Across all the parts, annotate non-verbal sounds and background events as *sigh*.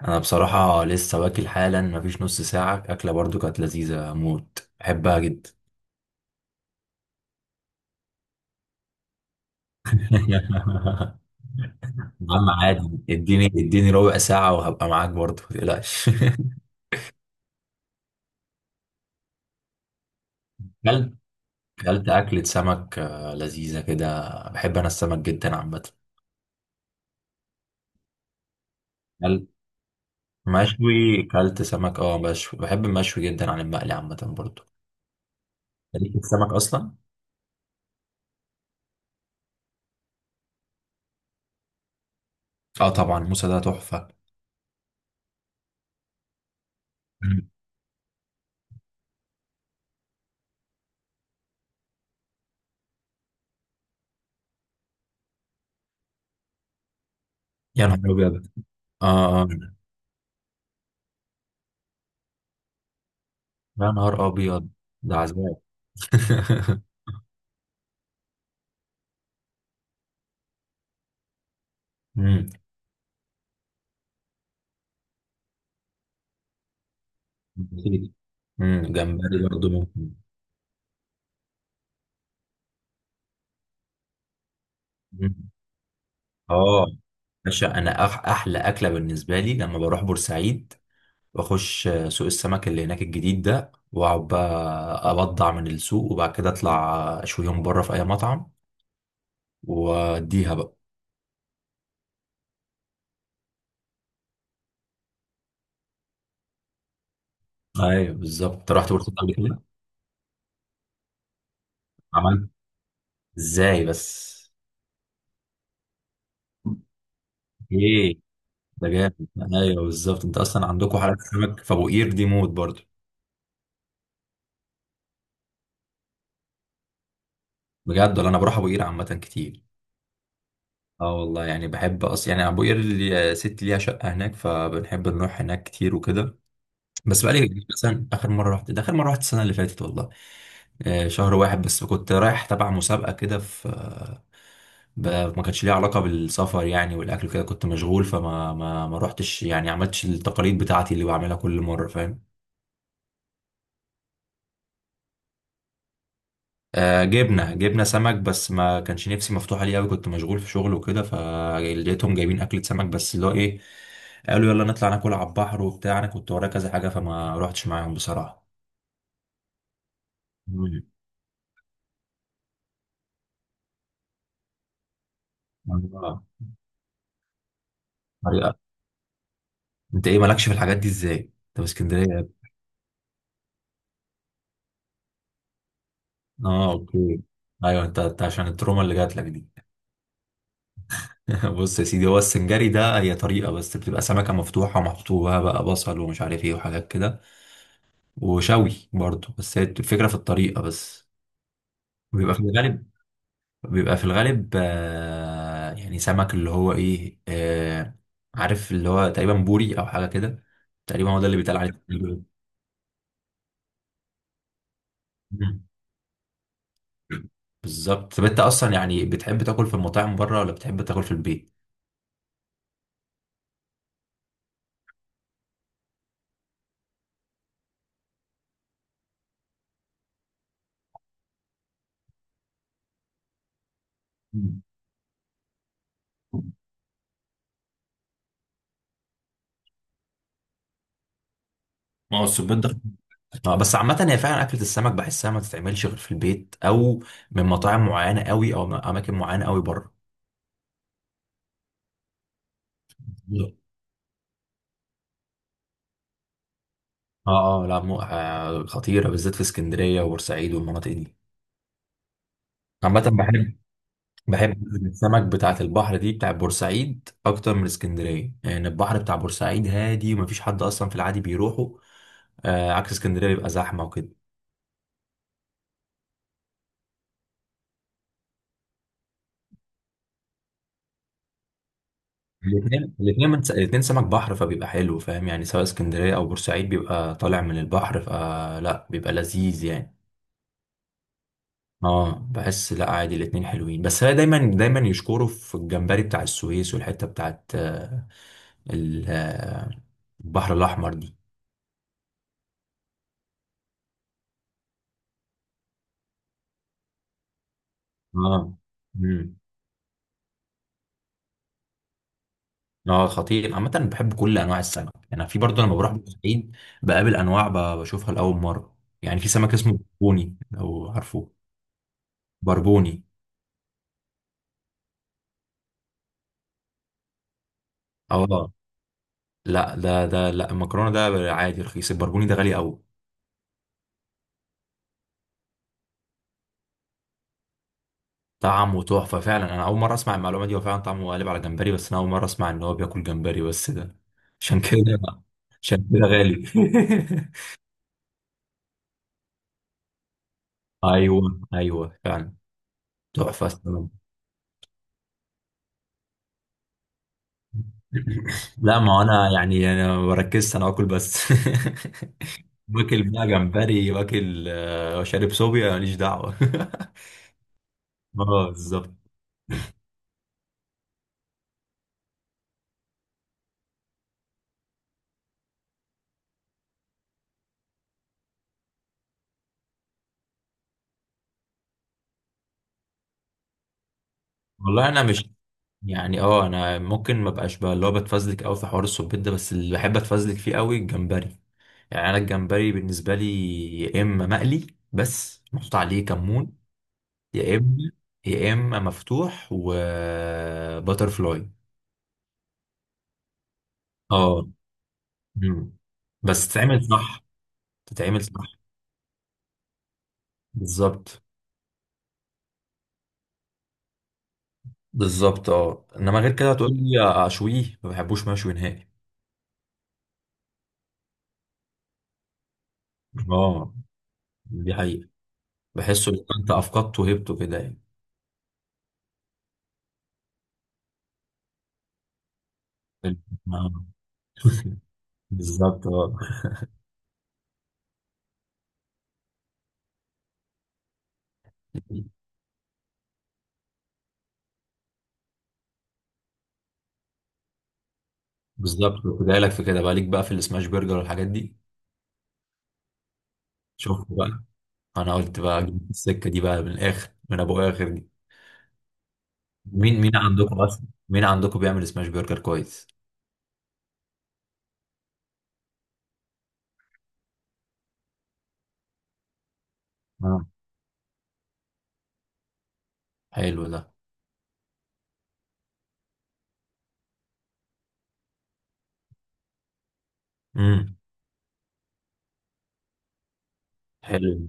انا بصراحة لسه واكل حالا مفيش نص ساعة، اكلة برضو كانت لذيذة موت، بحبها جدا. *laughs* يا عم عادي. اديني ربع ساعة وهبقى معاك برضو، متقلقش. *laughs* كلت كلت أكلة سمك، لذيذة كده. بحب أنا السمك جدا عامة. كلت مشوي، كلت سمك مشوي. بحب المشوي جدا عن المقلي عامة برضو. ليك في السمك أصلا؟ اه طبعا، موسى ده تحفة. مم. يا نهار أبيض. اه آه. يا نهار أبيض، ده عذاب. *laughs* أكيد. جمبري برضه ممكن. مم. اه. باشا، انا احلى اكله بالنسبه لي لما بروح بورسعيد، واخش سوق السمك اللي هناك الجديد ده، واقعد بقى ابضع من السوق، وبعد كده اطلع اشويهم بره في اي مطعم، واديها بقى. ايوه بالظبط، أنت رحت بورسعيد قبل كده؟ عملت ازاي بس؟ ايه ده جامد. ايوه بالظبط، انت اصلا عندكم حلقه سمك في ابو قير دي موت برضه. بجد؟ ولا انا بروح ابو قير عامه كتير. اه والله، بحب اصلا، ابو قير اللي ست ليها شقه هناك، فبنحب نروح هناك كتير وكده. بس بقالي كتير، مثلا اخر مره رحت ده، اخر مره رحت السنه اللي فاتت والله. شهر واحد بس، كنت رايح تبع مسابقه كده في، ما كانش ليها علاقه بالسفر يعني والاكل كده، كنت مشغول، فما ما ما رحتش يعني، عملتش التقاليد بتاعتي اللي بعملها كل مره، فاهم. جبنا سمك، بس ما كانش نفسي مفتوحة ليه قوي، كنت مشغول في شغل وكده، فلقيتهم جايبين أكلة سمك، بس اللي هو إيه، قالوا يلا نطلع ناكل على البحر وبتاع، أنا كنت ورايا كذا حاجة، فما روحتش معاهم بصراحة. مم. آه، طريقة. أنت إيه مالكش في الحاجات دي إزاي؟ أنت في اسكندرية يا ابني. أوكي. أيوه، أنت عشان التروما اللي جات لك دي. *laughs* بص يا سيدي، هو السنجاري ده هي طريقة بس، بتبقى سمكة مفتوحة ومحطوها بقى بصل ومش عارف إيه وحاجات كده، وشوي برضه، بس هي الفكرة في الطريقة بس. بيبقى في الغالب بيبقى في الغالب، سمك اللي هو ايه، عارف اللي هو تقريبا بوري او حاجه كده. تقريبا هو ده اللي بيتقال عليه. *laughs* تقريباً. مم. بالظبط. طب انت اصلا يعني بتحب تاكل في المطاعم بره ولا بتحب تاكل في البيت؟ مم. ما هو السبيط ده. اه بس عامة، هي فعلا أكلة السمك بحسها ما تتعملش غير في البيت أو من مطاعم معينة قوي أو من أماكن معينة قوي بره. اه لا مو، خطيرة، بالذات في اسكندرية وبورسعيد والمناطق دي. عامة بحب. بحب السمك بتاعت البحر دي بتاع بورسعيد اكتر من اسكندريه، يعني البحر بتاع بورسعيد هادي ومفيش حد اصلا في العادي بيروحه. عكس اسكندريه بيبقى زحمه وكده. الاثنين سمك بحر، فبيبقى حلو، فاهم يعني، سواء اسكندريه او بورسعيد بيبقى طالع من البحر، فلا بيبقى لذيذ يعني. اه بحس لا عادي، الاثنين حلوين، بس هي دايما دايما يشكروا في الجمبري بتاع السويس والحته بتاعت، ال- آه، البحر الاحمر دي. اه. مم. اه خطير. عامة بحب كل أنواع السمك يعني، في برضه لما بروح بورسعيد بقابل أنواع، بشوفها لأول مرة. يعني في سمك اسمه بربوني، لو عارفه. بربوني. اه لا ده لا المكرونة ده عادي رخيص، البربوني ده غالي أوي. طعمه تحفة فعلا، أنا أول مرة أسمع المعلومة دي. هو فعلا طعمه قالب على جمبري، بس أنا أول مرة أسمع إن هو بياكل جمبري بس ده. عشان كده عشان كده غالي. *laughs* أيوه أيوه فعلا. تحفة. *coughs* لا ما هو انا يعني، انا ما بركزش انا باكل بس. *laughs* باكل بقى جمبري، واكل، شارب صوبيا، ماليش دعوه. *laughs* اه بالظبط. والله انا مش انا ممكن ما بقاش بقى اللي هو بتفزلك قوي في حوار الصبيط ده، بس اللي بحب اتفزلك فيه قوي الجمبري. يعني انا الجمبري بالنسبه لي، يا اما مقلي بس محطوط عليه كمون، يا اما يا اما مفتوح وباتر فلاي. اه مم. بس تتعمل صح. تتعمل صح. بالظبط. بالظبط. اه انما غير كده هتقول لي، اشويه ما بحبوش مشوي نهائي. اه دي حقيقة. بحسه لو انت افقدته وهبته كده يعني. *laughs* آه، بالظبط. اه بالظبط، كنت جاي لك في كده بقى، ليك بقى في السماش برجر والحاجات دي. شوف بقى، انا قلت بقى أجيب السكة دي بقى من الاخر، من ابو اخر دي. مين عندكم اصلا، مين عندكم بيعمل سماش برجر كويس؟ اه حلو ده. امم حلو.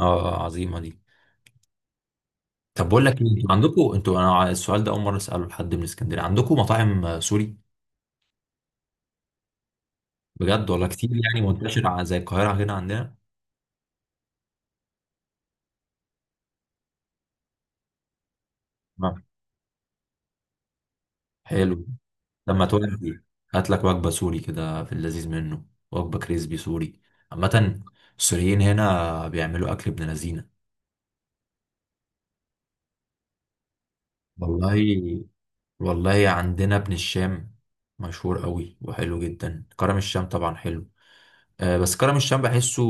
عظيمة دي. طب بقول لك ايه، انتوا عندكم، انتوا انا السؤال ده اول مره اساله لحد من اسكندريه، عندكم مطاعم، سوري؟ بجد؟ ولا كتير يعني منتشره، زي القاهره هنا عندنا. نعم. حلو. لما تودي، هات لك وجبه سوري كده في اللذيذ منه، وجبه كريسبي سوري. عامه السوريين هنا بيعملوا اكل ابن لذينه. والله، والله عندنا ابن الشام مشهور قوي وحلو جدا. كرم الشام طبعا حلو، بس كرم الشام بحسه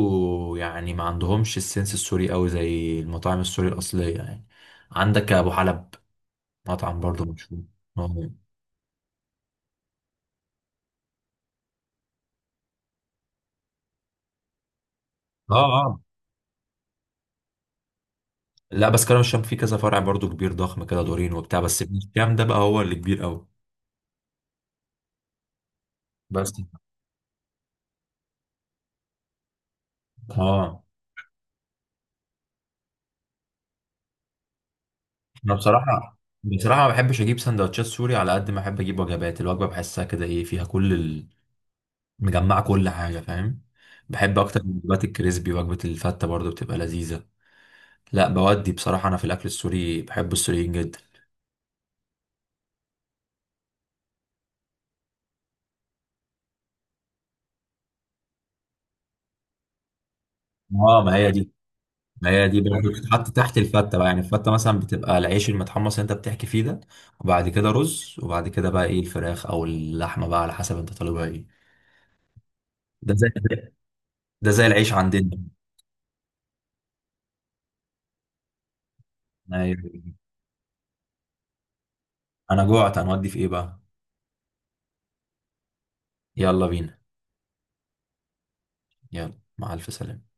يعني ما عندهمش السنس السوري قوي زي المطاعم السوري الأصلية يعني. عندك أبو حلب، مطعم برضو مشهور. اه اه لا بس كرم الشام فيه كذا فرع برضو كبير ضخم كده دورين وبتاع، بس ابن الشام ده بقى هو اللي كبير قوي. بس اه. انا بصراحة ما بحبش اجيب سندوتشات سوري على قد ما احب اجيب وجبات. الوجبة بحسها كده ايه، فيها كل ال... مجمعة كل حاجة، فاهم. بحب اكتر من وجبات الكريسبي. وجبة الفتة برضو بتبقى لذيذة. لا بودي، بصراحة أنا في الأكل السوري بحب السوريين جدا. اه ما هي دي. ما هي دي برضه بتتحط تحت الفتة بقى، يعني الفتة مثلا بتبقى العيش المتحمص اللي أنت بتحكي فيه ده، وبعد كده رز، وبعد كده بقى إيه الفراخ أو اللحمة بقى على حسب أنت طالبها إيه. ده زي ده زي العيش عندنا. أيوة. أنا جوعت، هنودي في إيه بقى؟ يلا بينا. يلا مع ألف سلامة.